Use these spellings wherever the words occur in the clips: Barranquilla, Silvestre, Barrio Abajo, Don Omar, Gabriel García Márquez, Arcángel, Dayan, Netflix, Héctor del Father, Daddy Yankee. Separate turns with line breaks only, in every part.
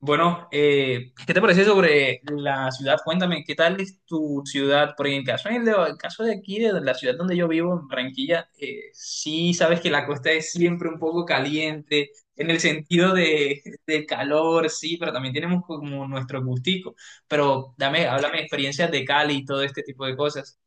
Bueno, ¿qué te parece sobre la ciudad? Cuéntame, ¿qué tal es tu ciudad? Porque en caso, en el de, el caso de aquí, de la ciudad donde yo vivo, en Barranquilla, sí sabes que la costa es siempre un poco caliente, en el sentido de calor, sí, pero también tenemos como nuestro gustico. Pero dame, háblame de experiencias de Cali y todo este tipo de cosas.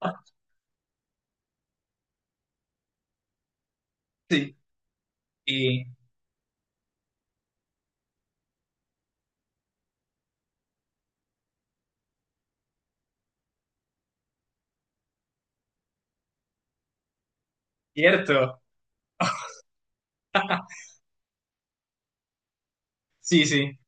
Sí, y- cierto. Sí, sí.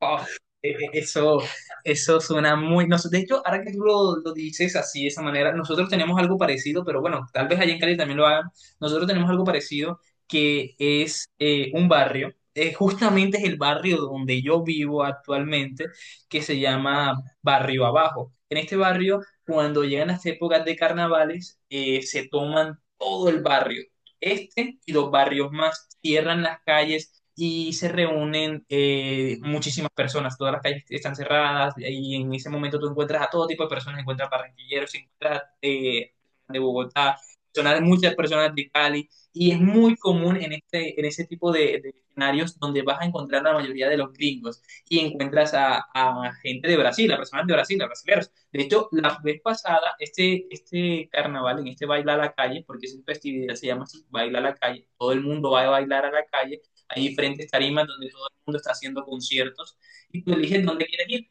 Oh, eso, eso suena muy. De hecho, ahora que tú lo dices así, de esa manera, nosotros tenemos algo parecido, pero bueno, tal vez allá en Cali también lo hagan. Nosotros tenemos algo parecido que es un barrio. Justamente es el barrio donde yo vivo actualmente, que se llama Barrio Abajo. En este barrio, cuando llegan las épocas de carnavales, se toman todo el barrio. Este y los barrios más cierran las calles y se reúnen muchísimas personas, todas las calles están cerradas y en ese momento tú encuentras a todo tipo de personas, encuentras barranquilleros, encuentras de Bogotá, personas, muchas personas de Cali y es muy común en, este, en ese tipo de escenarios donde vas a encontrar la mayoría de los gringos y encuentras a gente de Brasil, a personas de Brasil, a brasileños. De hecho, la vez pasada, este carnaval, en este baila a la calle, porque es una festividad, se llama así, baila a la calle, todo el mundo va a bailar a la calle, hay diferentes tarimas donde todo el mundo está haciendo conciertos y tú eliges dónde quieres ir.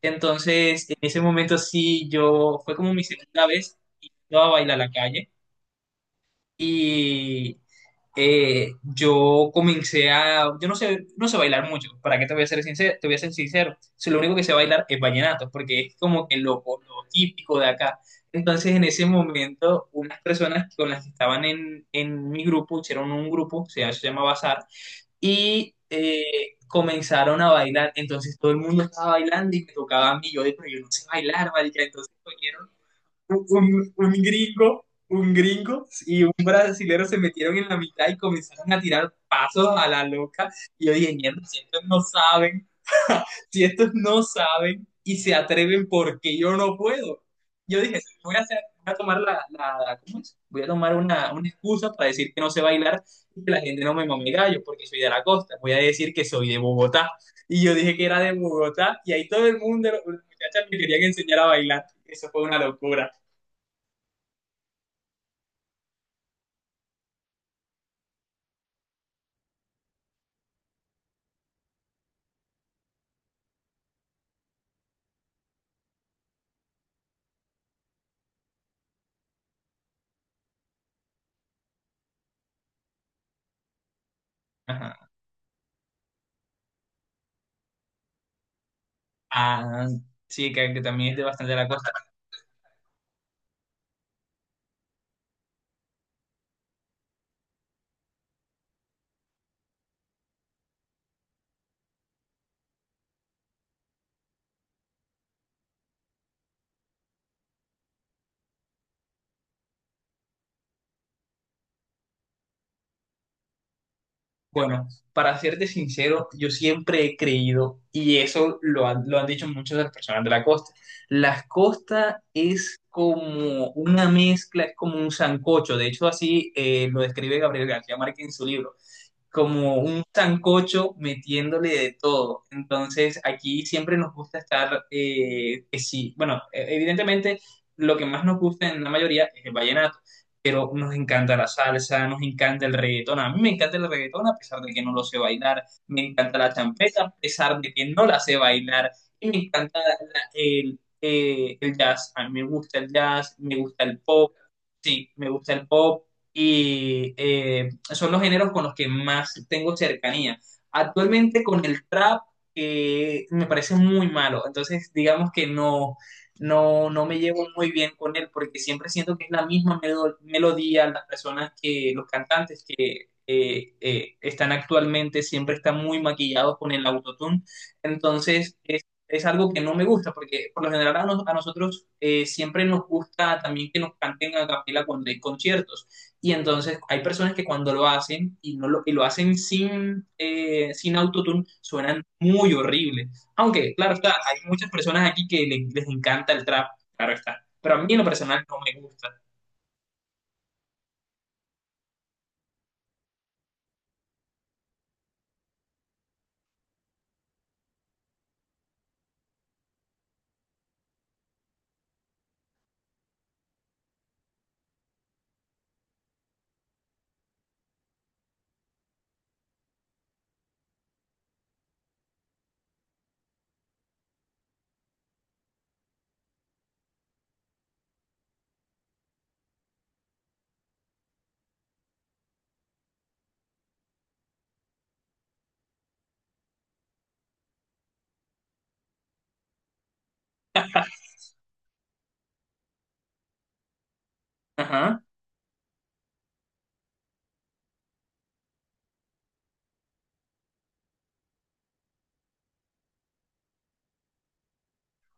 Entonces, en ese momento sí, yo fue como mi segunda vez y yo a bailar a la calle y yo comencé a, yo no sé, no sé bailar mucho, ¿para qué te voy a ser sincero? Te voy a ser sincero, si lo único que sé bailar es vallenato, porque es como que lo típico de acá. Entonces, en ese momento, unas personas con las que estaban en mi grupo, hicieron un grupo, se llama Bazar, y comenzaron a bailar. Entonces todo el mundo estaba bailando y me tocaba a mí. Yo dije, pero yo no sé bailar, marica. Entonces cogieron un gringo y un brasilero se metieron en la mitad y comenzaron a tirar pasos a la loca. Y yo dije, mierda, si estos no saben, si estos no saben y se atreven porque yo no puedo. Yo dije, voy a tomar ¿cómo es? Voy a tomar una excusa para decir que no sé bailar y que la gente no me mame gallo porque soy de la costa. Voy a decir que soy de Bogotá. Y yo dije que era de Bogotá y ahí todo el mundo, los muchachas me querían enseñar a bailar. Eso fue una locura. Ajá. Ah, sí, que también es de bastante la costa. Bueno, para serte sincero, yo siempre he creído, y eso lo han dicho muchas de las personas de la costa es como una mezcla, es como un sancocho, de hecho así lo describe Gabriel García Márquez en su libro, como un sancocho metiéndole de todo. Entonces, aquí siempre nos gusta estar, que sí, bueno, evidentemente lo que más nos gusta en la mayoría es el vallenato, pero nos encanta la salsa, nos encanta el reggaetón. A mí me encanta el reggaetón a pesar de que no lo sé bailar, me encanta la champeta a pesar de que no la sé bailar, y me encanta el jazz, a mí me gusta el jazz, me gusta el pop. Sí, me gusta el pop y son los géneros con los que más tengo cercanía. Actualmente con el trap me parece muy malo, entonces digamos que no me llevo muy bien con él porque siempre siento que es la misma melodía, las personas que, los cantantes que están actualmente siempre están muy maquillados con el autotune, entonces es algo que no me gusta, porque por lo general a nosotros siempre nos gusta también que nos canten a capela cuando hay conciertos. Y entonces hay personas que cuando lo hacen y lo hacen sin, sin autotune, suenan muy horrible. Aunque, claro está, hay muchas personas aquí que les encanta el trap, claro está. Pero a mí en lo personal no me gusta. Ajá,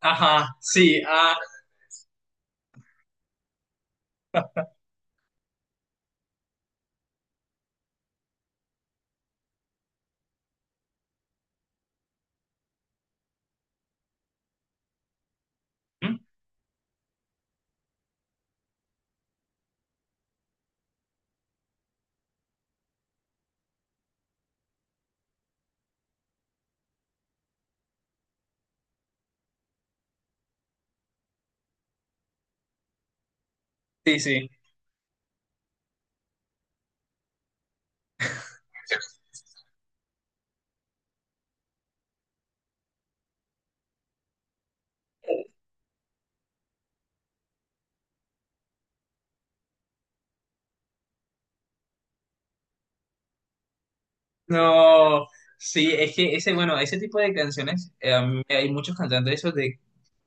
ajá, sí, ah. ¿Mm? Sí, sí. No, sí, es que ese, bueno, ese tipo de canciones, a mí- hay muchos cantantes esos de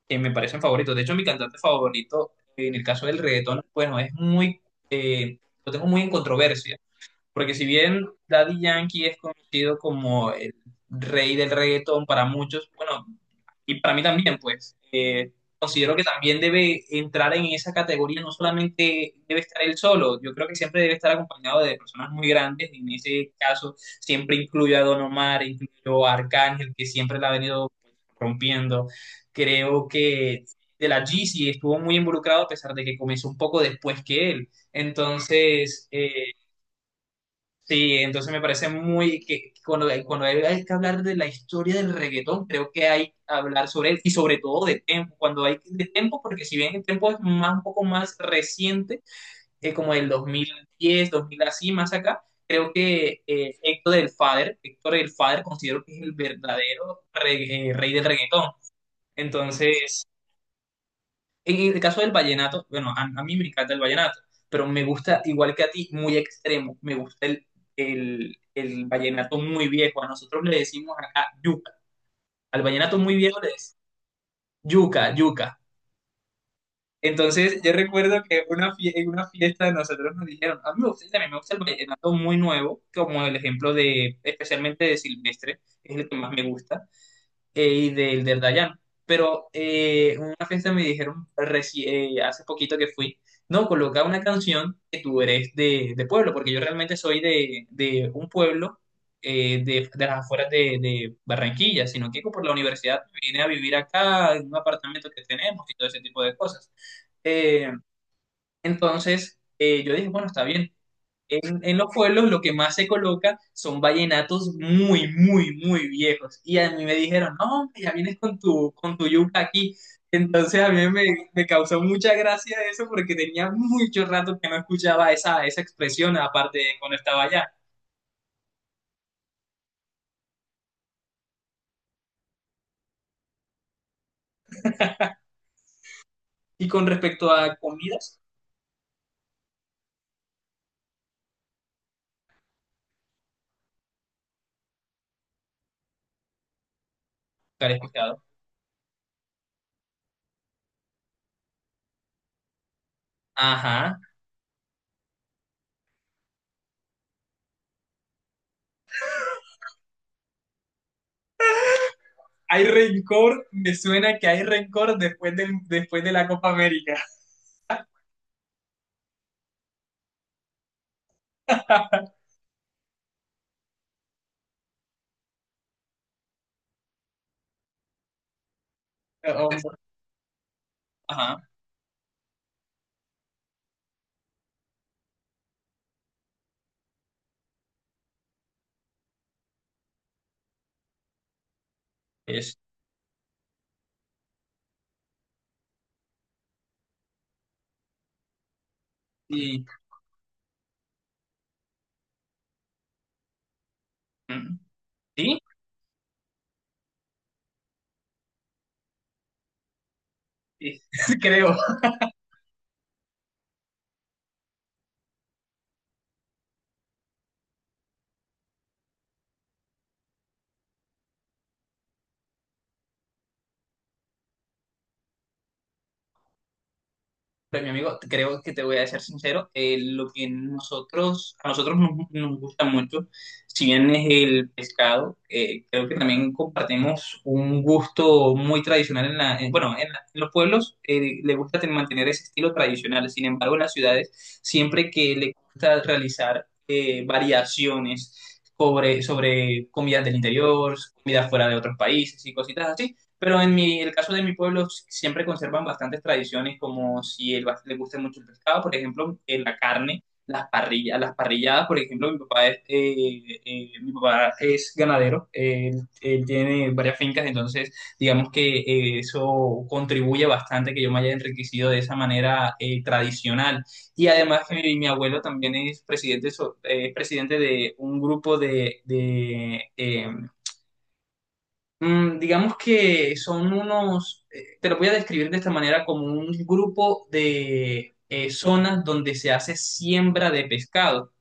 que me parecen favoritos. De hecho, mi cantante favorito, en el caso del reggaetón, bueno, es muy, eh, lo tengo muy en controversia, porque si bien Daddy Yankee es conocido como el rey del reggaetón para muchos, bueno, y para mí también, pues, considero que también debe entrar en esa categoría, no solamente debe estar él solo, yo creo que siempre debe estar acompañado de personas muy grandes, en ese caso siempre incluyo a Don Omar, incluyo a Arcángel, que siempre la ha venido rompiendo, creo que de la G C estuvo muy involucrado a pesar de que comenzó un poco después que él, entonces eh. Sí, entonces me parece muy que cuando hay que hablar de la historia del reggaetón, creo que hay que hablar sobre él y sobre todo de Tempo, cuando hay de Tempo, porque si bien el Tempo es más, un poco más reciente, como del 2010, 2000 así, más acá, creo que Héctor del Father considero que es el verdadero rey del reggaetón. Entonces, en el caso del vallenato, bueno, a mí me encanta el vallenato, pero me gusta, igual que a ti, muy extremo. Me gusta el vallenato muy viejo. A nosotros le decimos acá yuca. Al vallenato muy viejo le decimos yuca, yuca. Entonces, yo recuerdo que en una fiesta nosotros nos dijeron, a mí me gusta, también me gusta el vallenato muy nuevo, como el ejemplo de, especialmente de Silvestre, es el que más me gusta y del del Dayan. Pero en una fiesta me dijeron hace poquito que fui, no, coloca una canción que tú eres de pueblo, porque yo realmente soy de un pueblo de las afueras de Barranquilla, sino que por la universidad vine a vivir acá, en un apartamento que tenemos y todo ese tipo de cosas. Eh, entonces, yo dije, bueno, está bien en los pueblos lo que más se coloca son vallenatos muy, muy, muy viejos. Y a mí me dijeron, no, hombre, ya vienes con tu yuca aquí. Entonces me causó mucha gracia eso porque tenía mucho rato que no escuchaba esa, esa expresión, aparte de cuando estaba allá. Y con respecto a comidas, nunca la escuchado. Ajá. Hay rencor, me suena que hay rencor después del, después de la Copa América. Hombre. Ajá. Es, sí. Mm. ¿Sí? Sí, creo. Pero mi amigo, creo que te voy a ser sincero, lo que nosotros, a nosotros nos gusta mucho, si bien es el pescado, creo que también compartimos un gusto muy tradicional en bueno, en los pueblos le gusta mantener ese estilo tradicional, sin embargo, en las ciudades siempre que le gusta realizar variaciones sobre, sobre comidas del interior, comidas fuera de otros países y cositas así. Pero en mi, el caso de mi pueblo siempre conservan bastantes tradiciones, como si le gusta mucho el pescado, por ejemplo, la carne, las parrillas, las parrilladas, por ejemplo, mi papá es ganadero, él, él tiene varias fincas, entonces digamos que eso contribuye bastante que yo me haya enriquecido de esa manera tradicional. Y además que mi abuelo también es presidente, es presidente de un grupo de, eh. Mm, digamos que son unos, te lo voy a describir de esta manera, como un grupo de zonas donde se hace siembra de pescado.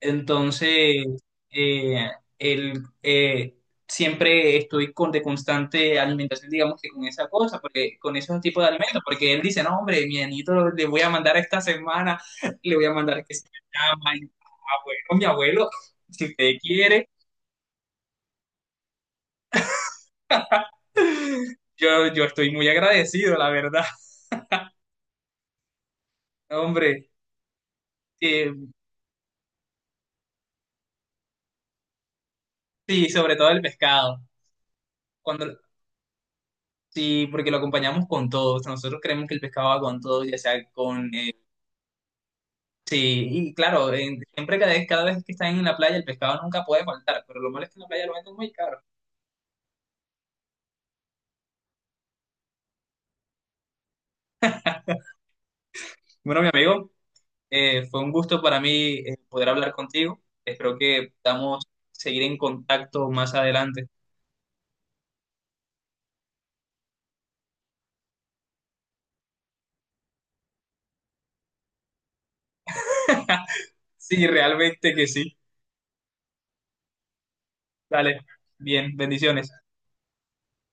Entonces, eh, el, eh, siempre estoy con de constante alimentación, digamos que con esa cosa, porque con esos tipos de alimentos, porque él dice, no, hombre, mi anito le voy a mandar esta semana, le voy a mandar que se llama, y, "Ah, bueno, mi abuelo, si usted quiere, yo estoy muy agradecido, la verdad. Hombre. Eh, sí, sobre todo el pescado. Cuando, sí, porque lo acompañamos con todo. O sea, nosotros creemos que el pescado va con todo, ya sea con... sí, y claro, siempre cada vez que están en la playa, el pescado nunca puede faltar, pero lo malo es que en la playa lo venden muy caro. Bueno, mi amigo, fue un gusto para mí poder hablar contigo. Espero que podamos seguir en contacto más adelante. Sí, realmente que sí. Dale, bien, bendiciones.